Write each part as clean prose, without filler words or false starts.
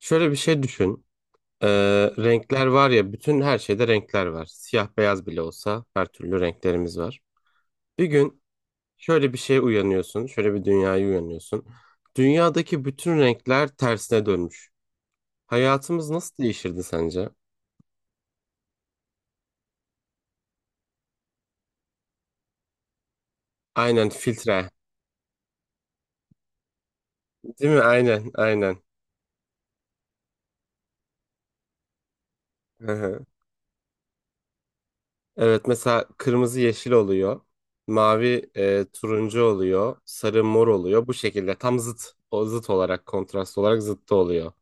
Şöyle bir şey düşün. Ee, Renkler var ya bütün her şeyde renkler var. Siyah beyaz bile olsa her türlü renklerimiz var. Bir gün şöyle bir şeye uyanıyorsun. Şöyle bir dünyaya uyanıyorsun. Dünyadaki bütün renkler tersine dönmüş. Hayatımız nasıl değişirdi sence? Aynen, filtre. Değil mi? Aynen, aynen. Hı hı. Evet, mesela kırmızı yeşil oluyor. Mavi turuncu oluyor. Sarı mor oluyor. Bu şekilde tam zıt. O zıt olarak, kontrast olarak zıttı oluyor.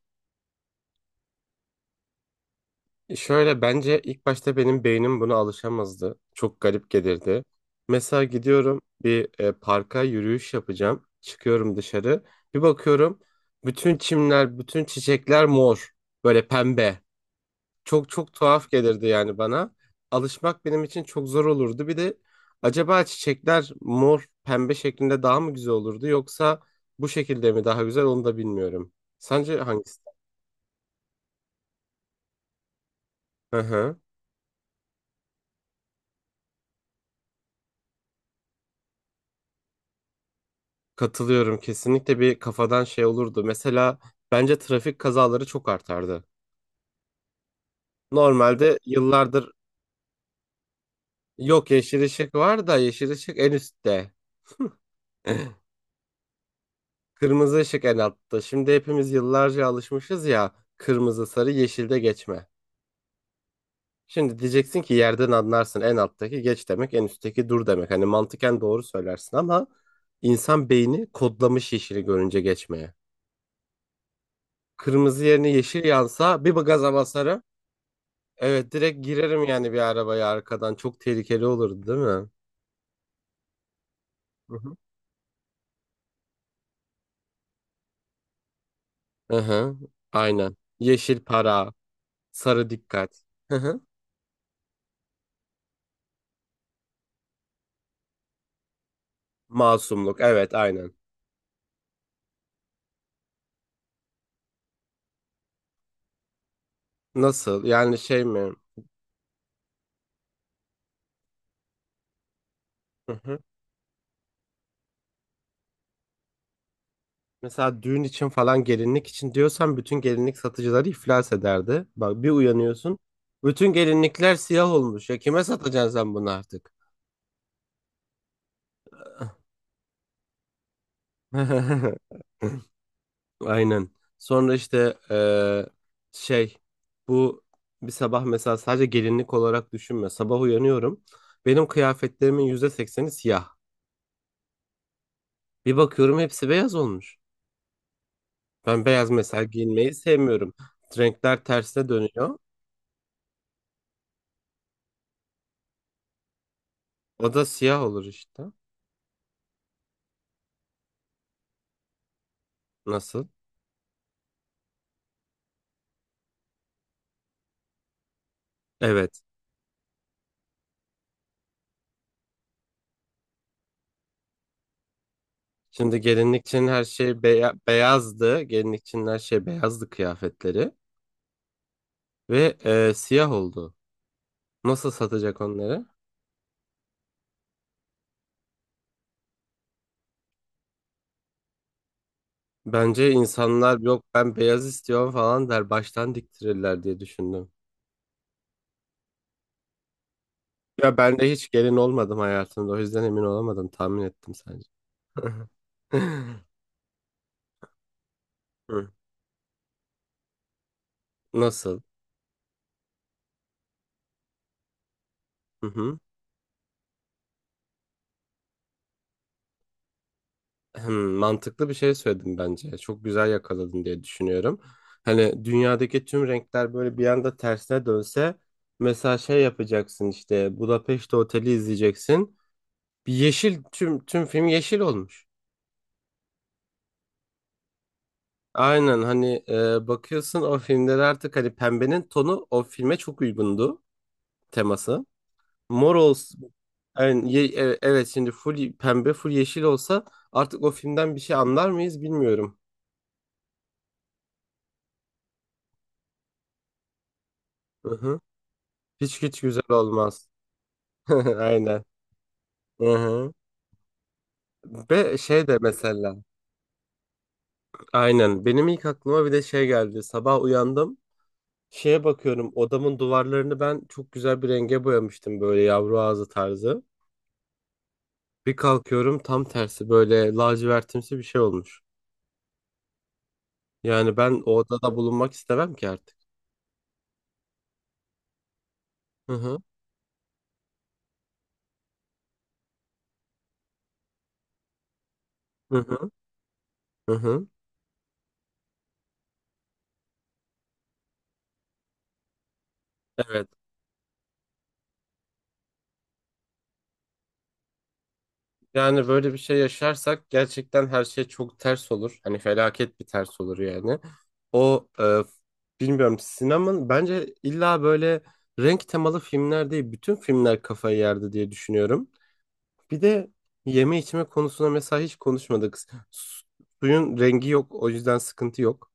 Şöyle, bence ilk başta benim beynim buna alışamazdı. Çok garip gelirdi. Mesela gidiyorum bir parka yürüyüş yapacağım. Çıkıyorum dışarı. Bir bakıyorum bütün çimler, bütün çiçekler mor. Böyle pembe. Çok çok tuhaf gelirdi yani bana. Alışmak benim için çok zor olurdu. Bir de acaba çiçekler mor, pembe şeklinde daha mı güzel olurdu yoksa bu şekilde mi daha güzel, onu da bilmiyorum. Sence hangisi? Hı hı. Katılıyorum, kesinlikle bir kafadan şey olurdu. Mesela bence trafik kazaları çok artardı. Normalde yıllardır yok, yeşil ışık var da yeşil ışık en üstte. Kırmızı ışık en altta. Şimdi hepimiz yıllarca alışmışız ya, kırmızı sarı yeşilde geçme. Şimdi diyeceksin ki yerden anlarsın, en alttaki geç demek, en üstteki dur demek. Hani mantıken doğru söylersin ama insan beyni kodlamış yeşili görünce geçmeye. Kırmızı yerine yeşil yansa bir gaza basarım. Evet, direkt girerim yani bir arabaya arkadan. Çok tehlikeli olurdu değil mi? Hı hı. Hı hı. Aynen. Yeşil para, sarı dikkat. Hı hı. Masumluk. Evet, aynen. Nasıl? Yani şey mi? Hı hı. Mesela düğün için falan, gelinlik için diyorsan bütün gelinlik satıcıları iflas ederdi. Bak, bir uyanıyorsun. Bütün gelinlikler siyah olmuş. Ya kime satacaksın sen bunu artık? Aynen. Sonra işte şey, bu bir sabah mesela sadece gelinlik olarak düşünme. Sabah uyanıyorum. Benim kıyafetlerimin %80'i siyah. Bir bakıyorum hepsi beyaz olmuş. Ben beyaz mesela giyinmeyi sevmiyorum. Renkler tersine dönüyor. O da siyah olur işte. Nasıl? Evet. Şimdi gelinlik için her şey beyazdı. Gelinlik için her şey beyazdı, kıyafetleri. Ve siyah oldu. Nasıl satacak onları? Bence insanlar, yok ben beyaz istiyorum falan der, baştan diktirirler diye düşündüm. Ya ben de hiç gelin olmadım hayatımda, o yüzden emin olamadım, tahmin ettim sadece. Hı. Nasıl? Hı hı. Mantıklı bir şey söyledim bence. Çok güzel yakaladın diye düşünüyorum. Hani dünyadaki tüm renkler böyle bir anda tersine dönse, mesela şey yapacaksın, işte Budapeşte Oteli izleyeceksin. Bir yeşil, tüm film yeşil olmuş. Aynen, hani bakıyorsun o filmlere artık, hani pembenin tonu o filme çok uygundu teması. Mor olsun. Yani, evet, şimdi full pembe, full yeşil olsa artık o filmden bir şey anlar mıyız bilmiyorum. Hı hı. Hiç hiç güzel olmaz. Aynen. Hı hı. Ve şey de mesela, aynen, benim ilk aklıma bir de şey geldi. Sabah uyandım, şeye bakıyorum, odamın duvarlarını ben çok güzel bir renge boyamıştım, böyle yavru ağzı tarzı. Bir kalkıyorum, tam tersi, böyle lacivertimsi bir şey olmuş. Yani ben o odada bulunmak istemem ki artık. Hı hı hı hı hı hı. Evet. Yani böyle bir şey yaşarsak gerçekten her şey çok ters olur. Hani felaket bir ters olur yani. O e, Bilmiyorum, sinemanın, bence illa böyle renk temalı filmler değil, bütün filmler kafayı yerdi diye düşünüyorum. Bir de yeme içme konusuna mesela hiç konuşmadık. Su- Suyun rengi yok, o yüzden sıkıntı yok.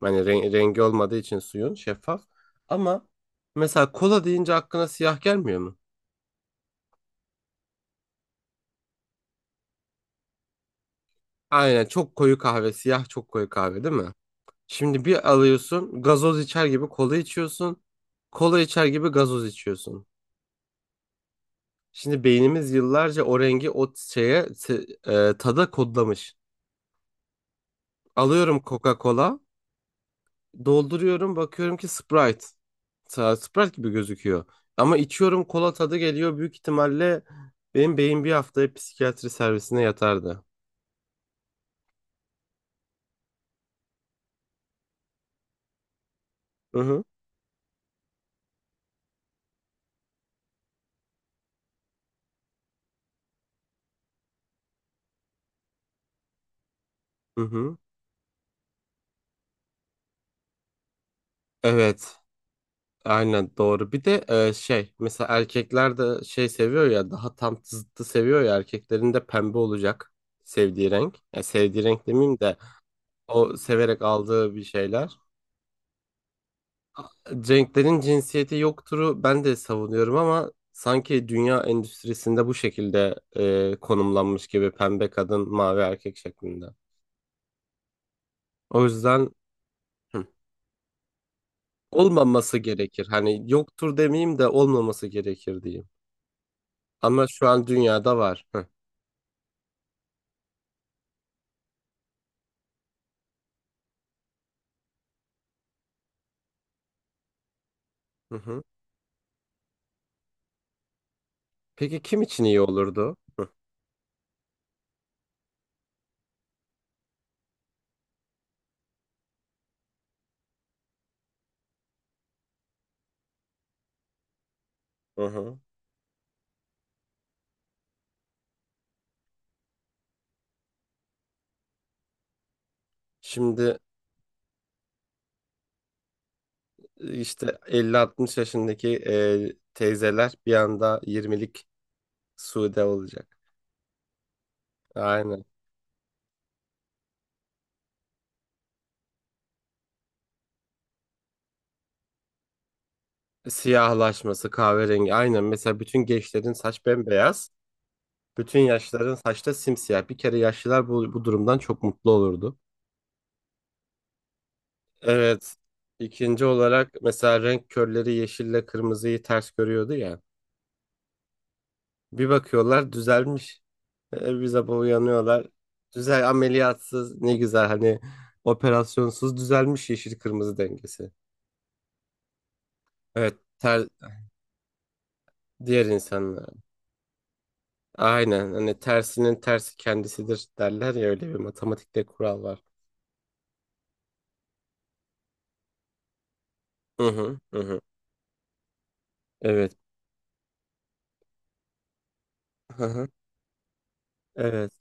Hani rengi olmadığı için suyun, şeffaf. Ama mesela kola deyince aklına siyah gelmiyor mu? Aynen, çok koyu kahve, siyah çok koyu kahve, değil mi? Şimdi bir alıyorsun, gazoz içer gibi kola içiyorsun. Kola içer gibi gazoz içiyorsun. Şimdi beynimiz yıllarca o rengi, o şeye, tada kodlamış. Alıyorum Coca-Cola. Dolduruyorum, bakıyorum ki Sprite. Sprite gibi gözüküyor. Ama içiyorum, kola tadı geliyor. Büyük ihtimalle benim beyin bir haftaya psikiyatri servisine yatardı. Hı hı. Hı hı. Evet. Aynen doğru. Bir de şey, mesela erkekler de şey seviyor ya, daha tam zıttı seviyor ya, erkeklerin de pembe olacak sevdiği renk. Ya sevdiği renk demeyeyim de, o severek aldığı bir şeyler. Cenklerin cinsiyeti yoktur'u ben de savunuyorum ama sanki dünya endüstrisinde bu şekilde konumlanmış gibi, pembe kadın, mavi erkek şeklinde. O yüzden hı, olmaması gerekir. Hani yoktur demeyeyim de, olmaması gerekir diyeyim. Ama şu an dünyada var. Hı, hı hı. Peki kim için iyi olurdu? Hı hı. Şimdi işte 50-60 yaşındaki teyzeler bir anda 20'lik Sude olacak. Aynen. Siyahlaşması, kahverengi. Aynen. Mesela bütün gençlerin saç bembeyaz. Bütün yaşlıların saçta simsiyah. Bir kere yaşlılar bu durumdan çok mutlu olurdu. Evet. İkinci olarak mesela, renk körleri yeşille kırmızıyı ters görüyordu ya. Bir bakıyorlar düzelmiş. Bir sabah uyanıyorlar. Güzel, ameliyatsız, ne güzel, hani operasyonsuz düzelmiş yeşil kırmızı dengesi. Evet, diğer insanlar. Aynen, hani tersinin tersi kendisidir derler ya, öyle bir matematikte kural var. Hı hı hı. Hı. Evet. Hı hı. Evet.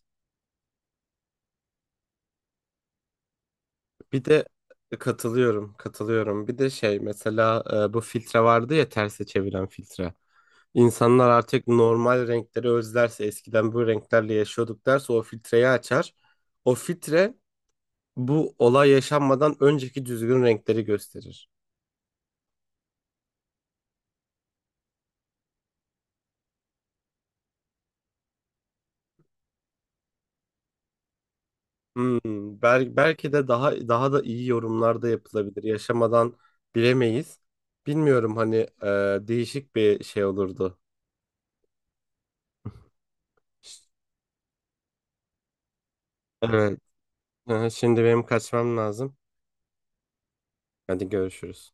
Bir de katılıyorum, katılıyorum. Bir de şey, mesela bu filtre vardı ya, terse çeviren filtre. İnsanlar artık normal renkleri özlerse, eskiden bu renklerle yaşıyorduk derse o filtreyi açar. O filtre bu olay yaşanmadan önceki düzgün renkleri gösterir. Belki de daha da iyi yorumlar da yapılabilir. Yaşamadan bilemeyiz. Bilmiyorum, hani değişik bir şey olurdu. Evet. Hı hı. Şimdi benim kaçmam lazım. Hadi görüşürüz.